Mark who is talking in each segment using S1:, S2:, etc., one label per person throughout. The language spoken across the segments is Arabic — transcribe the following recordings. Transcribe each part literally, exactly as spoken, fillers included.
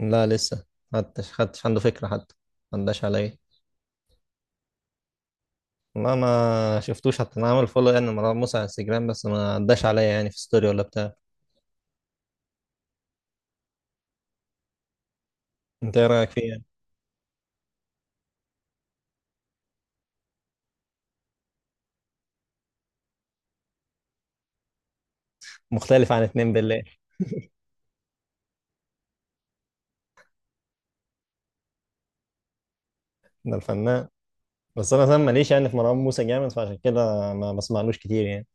S1: لا، لسه. حدش حدش عنده فكرة حتى. ما عداش عليا. ما ما شفتوش حتى، انا عامل فولو يعني مروان موسى على انستجرام، بس ما عداش عليا يعني في ستوري ولا بتاع. انت ايه رايك فيه يعني؟ مختلف عن اتنين بالله؟ ده الفنان. بس انا فاهم ماليش، يعني في مروان موسى جامد، فعشان كده ما بسمعلوش كتير يعني.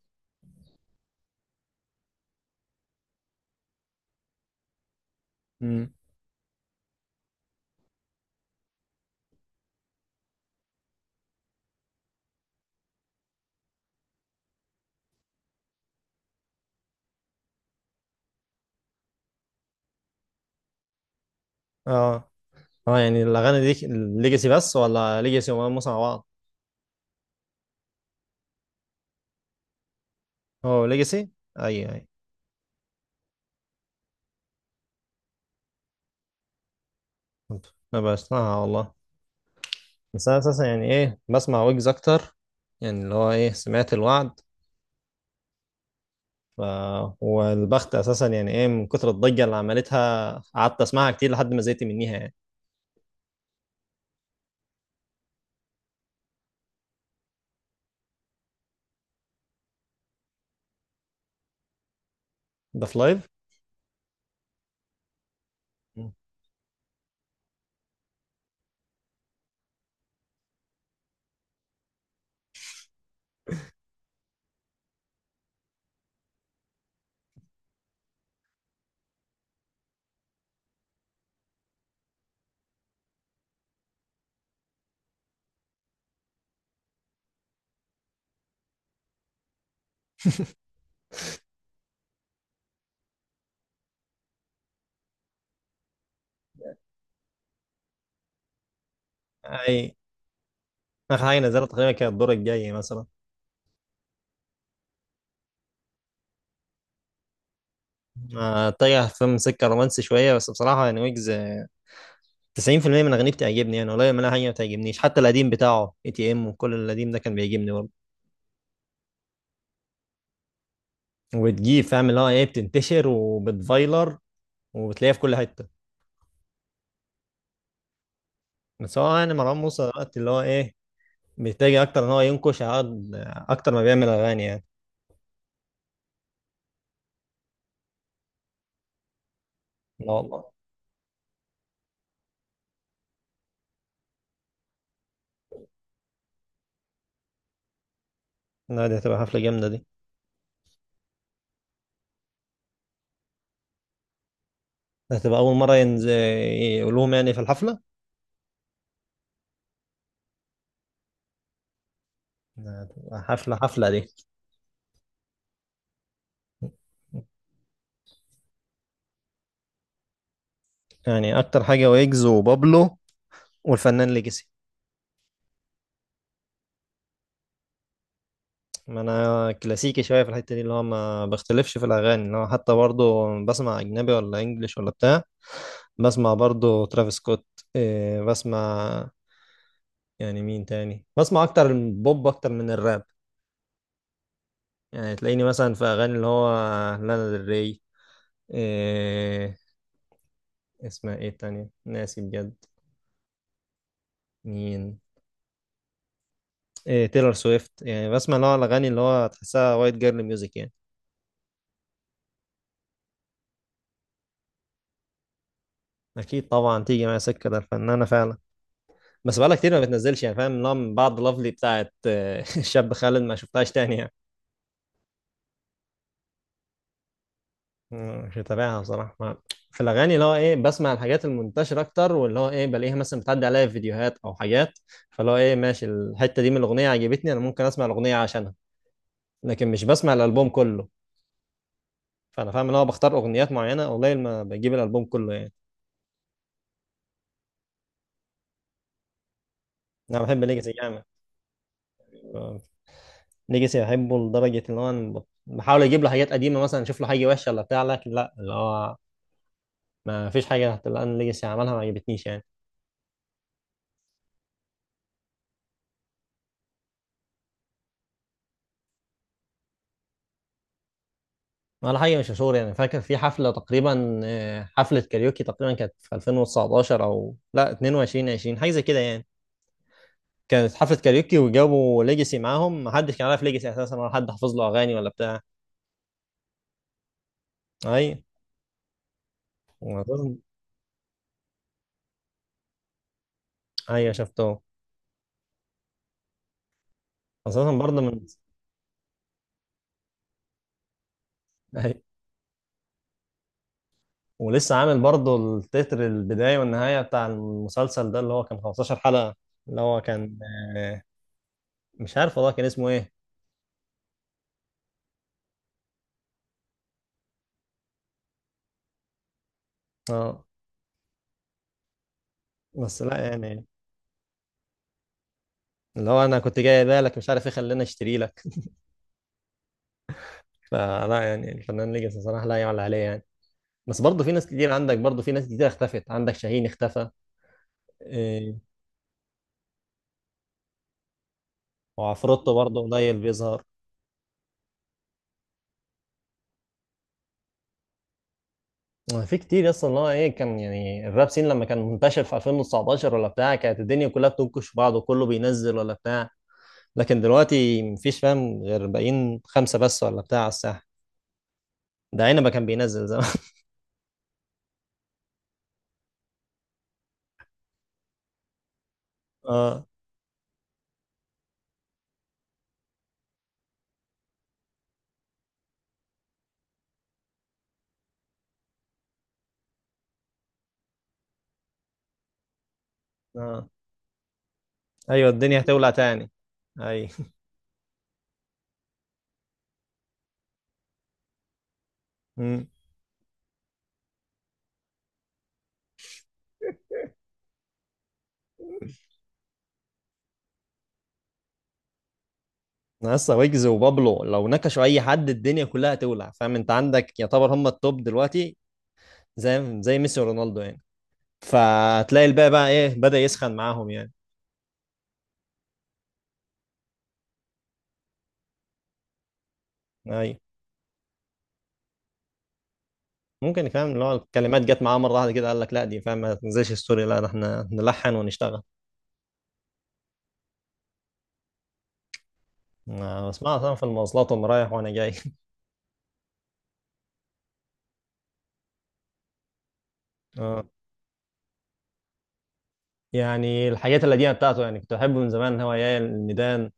S1: امم، اه، اه، يعني الاغاني دي ليجاسي بس ولا ليجاسي ومروان موسى مع بعض؟ هو ليجاسي؟ اي، اي. كنت ما بسمعها والله. بس انا اساسا يعني ايه، بسمع ويجز اكتر. يعني اللي هو ايه سمعت الوعد. ف... والبخت اساسا يعني ايه، من كتر الضجه اللي عملتها قعدت اسمعها كتير لحد ما زهقت منيها يعني. ده في لايف. مم. اي. اخر حاجه نزلت تقريبا كانت الدور الجاي مثلا. آه، اتجه فيلم سكه رومانسي شويه، بس بصراحه يعني ويجز تسعين في المية من اغانيه بتعجبني، يعني قليل منها حاجه ما بتعجبنيش، حتى القديم بتاعه اي تي ام وكل القديم ده كان بيعجبني برضه. وبتجيب فاهم اللي هو ايه بتنتشر وبتفايلر وبتلاقيها في كل حته. بس هو يعني مروان موسى دلوقتي اللي هو ايه بيتجه اكتر ان هو ينكش عقد- اكتر ما بيعمل اغاني يعني. لا والله. لا، دي هتبقى حفلة جامدة دي. ده هتبقى أول مرة ينزل يقولوهم يعني في الحفلة. ده هتبقى حفلة، حفلة دي. يعني أكتر حاجة ويجز وبابلو والفنان ليجاسي. ما أنا كلاسيكي شوية في الحتة دي، اللي هو ما بختلفش في الأغاني، اللي هو حتى برضو بسمع أجنبي ولا إنجليش ولا بتاع. بسمع برضو ترافيس سكوت. إيه، بسمع. يعني مين تاني بسمع؟ أكتر البوب أكتر من الراب. يعني تلاقيني مثلا في أغاني اللي هو لانا دري. إيه، اسمها إيه التانية؟ ناسي بجد. مين؟ إيه، تيلر سويفت. يعني بسمع نوع الاغاني اللي هو تحسها وايت جيرل ميوزك يعني. اكيد طبعا تيجي معايا سكه، ده الفنانه فعلا. بس بقالها كتير ما بتنزلش، يعني فاهم نوع من بعد لافلي بتاعت آه، الشاب خالد ما شفتهاش تاني يعني. مم، مش متابعها بصراحه. ما- في الاغاني اللي هو ايه بسمع الحاجات المنتشره اكتر، واللي هو ايه بلاقيها مثلا بتعدي عليا في فيديوهات او حاجات، فاللي هو ايه ماشي الحته دي، من الاغنيه عجبتني انا ممكن اسمع الاغنيه عشانها، لكن مش بسمع الالبوم كله. فانا فاهم ان هو بختار اغنيات معينه، قليل ما بجيب الالبوم كله يعني. انا بحب ليجاسي جامد. ليجاسي بحبه لدرجة اللي هو أنا بحاول أجيب له حاجات قديمة، مثلا أشوف له حاجة وحشة ولا بتاع، لكن لا، اللي هو ما فيش حاجة اللي أنا ليجاسي عملها ما عجبتنيش يعني. ولا حاجة مش مشهور يعني. فاكر في حفلة تقريبا، آه، حفلة كاريوكي تقريبا كانت في ألفين وتسعتاشر، أو لا اتنين وعشرين عشرين، حاجة زي كده يعني. كانت حفلة كاريوكي وجابوا ليجاسي معاهم، محدش كان عارف ليجاسي أساسا، ولا حد حافظ له أغاني ولا بتاع. أي. وأساساً- أيوه شفته. أساسا برضه من. ولسه عامل برضه التتر البداية والنهاية بتاع المسلسل ده اللي هو كان خمسة عشر حلقة، اللي هو كان آه، مش عارف والله كان اسمه ايه. اه، بس لا يعني. اللي هو انا كنت جاي بالك مش عارف ايه، خلينا اشتري لك. فلا يعني، الفنان ليجاسي صراحة لا يعلى عليه يعني. بس برضه في ناس كتير عندك، برضه في ناس كتير اختفت، عندك شاهين اختفى. إيه، وعفروتو برضه قليل بيظهر. آه، في كتير اصلا، اللي هو ايه كان يعني الراب سين لما كان منتشر في ألفين وتسعة عشر ولا بتاع، كانت الدنيا كلها بتنكش في بعض وكله بينزل ولا بتاع. لكن دلوقتي مفيش فاهم غير باقيين خمسة بس ولا بتاع على الساحة. ده عنبة كان بينزل زمان. اه. اه، ايوه الدنيا هتولع تاني. اي. امم لسه ويجز وبابلو لو نكشوا اي حد الدنيا كلها هتولع، فاهم انت عندك، يعتبر هم التوب دلوقتي، زي زي ميسي ورونالدو يعني. فتلاقي الباقي بقى ايه بدأ يسخن معاهم يعني. اي. ممكن فاهم اللي هو الكلمات جت معاه مره واحده كده، قال لك لا دي فاهم ما تنزلش ستوري، لا ده احنا نلحن ونشتغل. آه، بسمعها طبعا في المواصلات وانا رايح وانا جاي. اه، يعني الحاجات القديمه بتاعته يعني كنت بحبه من زمان، هو يا الميدان.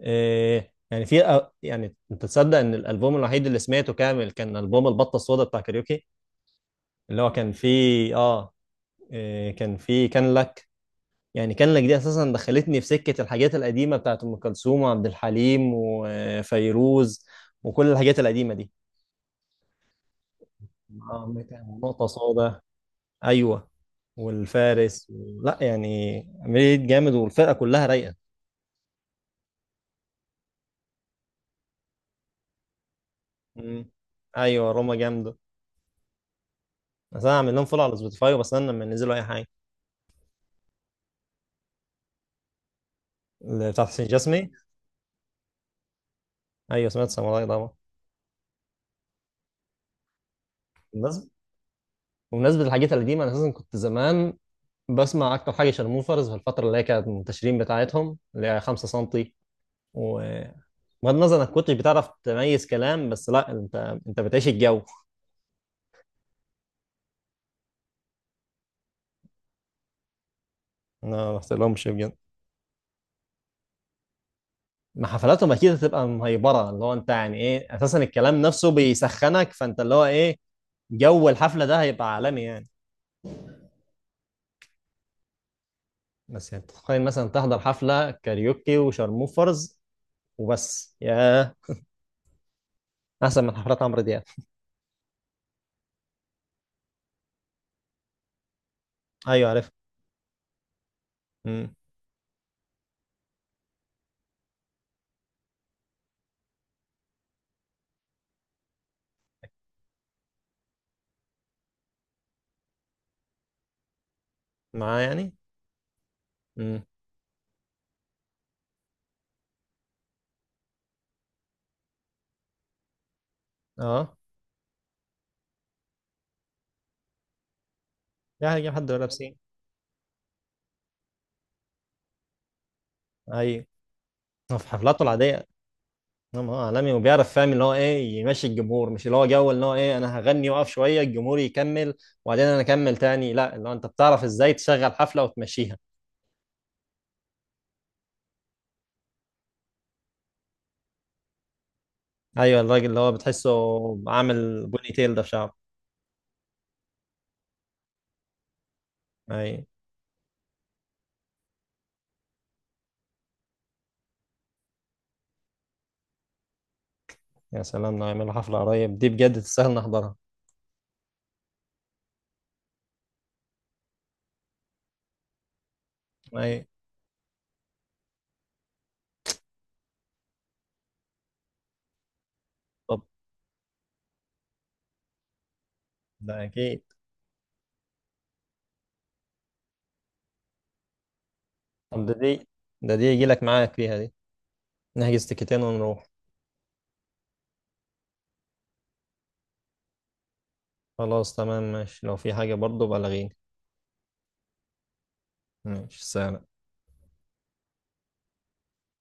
S1: إيه، يعني في أ- يعني انت تصدق ان الالبوم الوحيد اللي سمعته كامل كان البوم البطه السوداء بتاع كاريوكي؟ اللي هو كان فيه اه. إيه، كان فيه كان لك. يعني كان لك دي اساسا دخلتني في سكه الحاجات القديمه بتاعت ام كلثوم وعبد الحليم وفيروز، وكل الحاجات القديمه دي. آه، نقطه سوداء. ايوه، والفارس. لا يعني عملية جامد والفرقه كلها رايقه. مم. ايوه روما جامده. بس انا عامل لهم فولو على سبوتيفاي وبستنى لما ينزلوا اي حاجه. اللي بتاعت حسين جسمي. ايوه سمعت ساموراي طبعا. بالنسبه بمناسبه الحاجات القديمه، انا اساسا كنت زمان بسمع اكتر حاجه شارموفرز، في الفتره اللي هي كانت منتشرين بتاعتهم اللي هي خمسة سنتي. وبغض النظر انك كنتش بتعرف تميز كلام، بس لا انت، انت بتعيش الجو. انا ما رحت لهمش بجد. ما حفلاتهم اكيد هتبقى مهيبره، اللي هو انت يعني ايه اساسا الكلام نفسه بيسخنك، فانت اللي هو ايه جو الحفله ده هيبقى عالمي يعني. بس يعني تتخيل مثلا تحضر حفلة كاريوكي وشارموفرز وبس، ياه. أحسن من حفلات عمرو دياب. أيوه عارف. امم معاه يعني. امم، أه. يعني هيجيب حد لابسين. أيوه. هو في حفلاته العادية، نعم، هو عالمي وبيعرف فاهم اللي هو إيه يمشي الجمهور، مش اللي هو جو اللي هو إيه أنا هغني وأقف شوية الجمهور يكمل وبعدين أنا أكمل تاني، لا اللي هو أنت بتعرف إزاي تشغل حفلة وتمشيها. أيوه. الراجل اللي هو بتحسه عامل بوني تيل ده في شعره. أيوه. يا سلام لو يعملوا حفلة قريب دي بجد تستاهل نحضرها. أيوه. طب ده اكيد. طب ده دي ده دي يجي لك معاك فيها دي، نحجز تيكتين ونروح. خلاص تمام ماشي، لو في حاجة برضه بلغيني. ماشي سلام.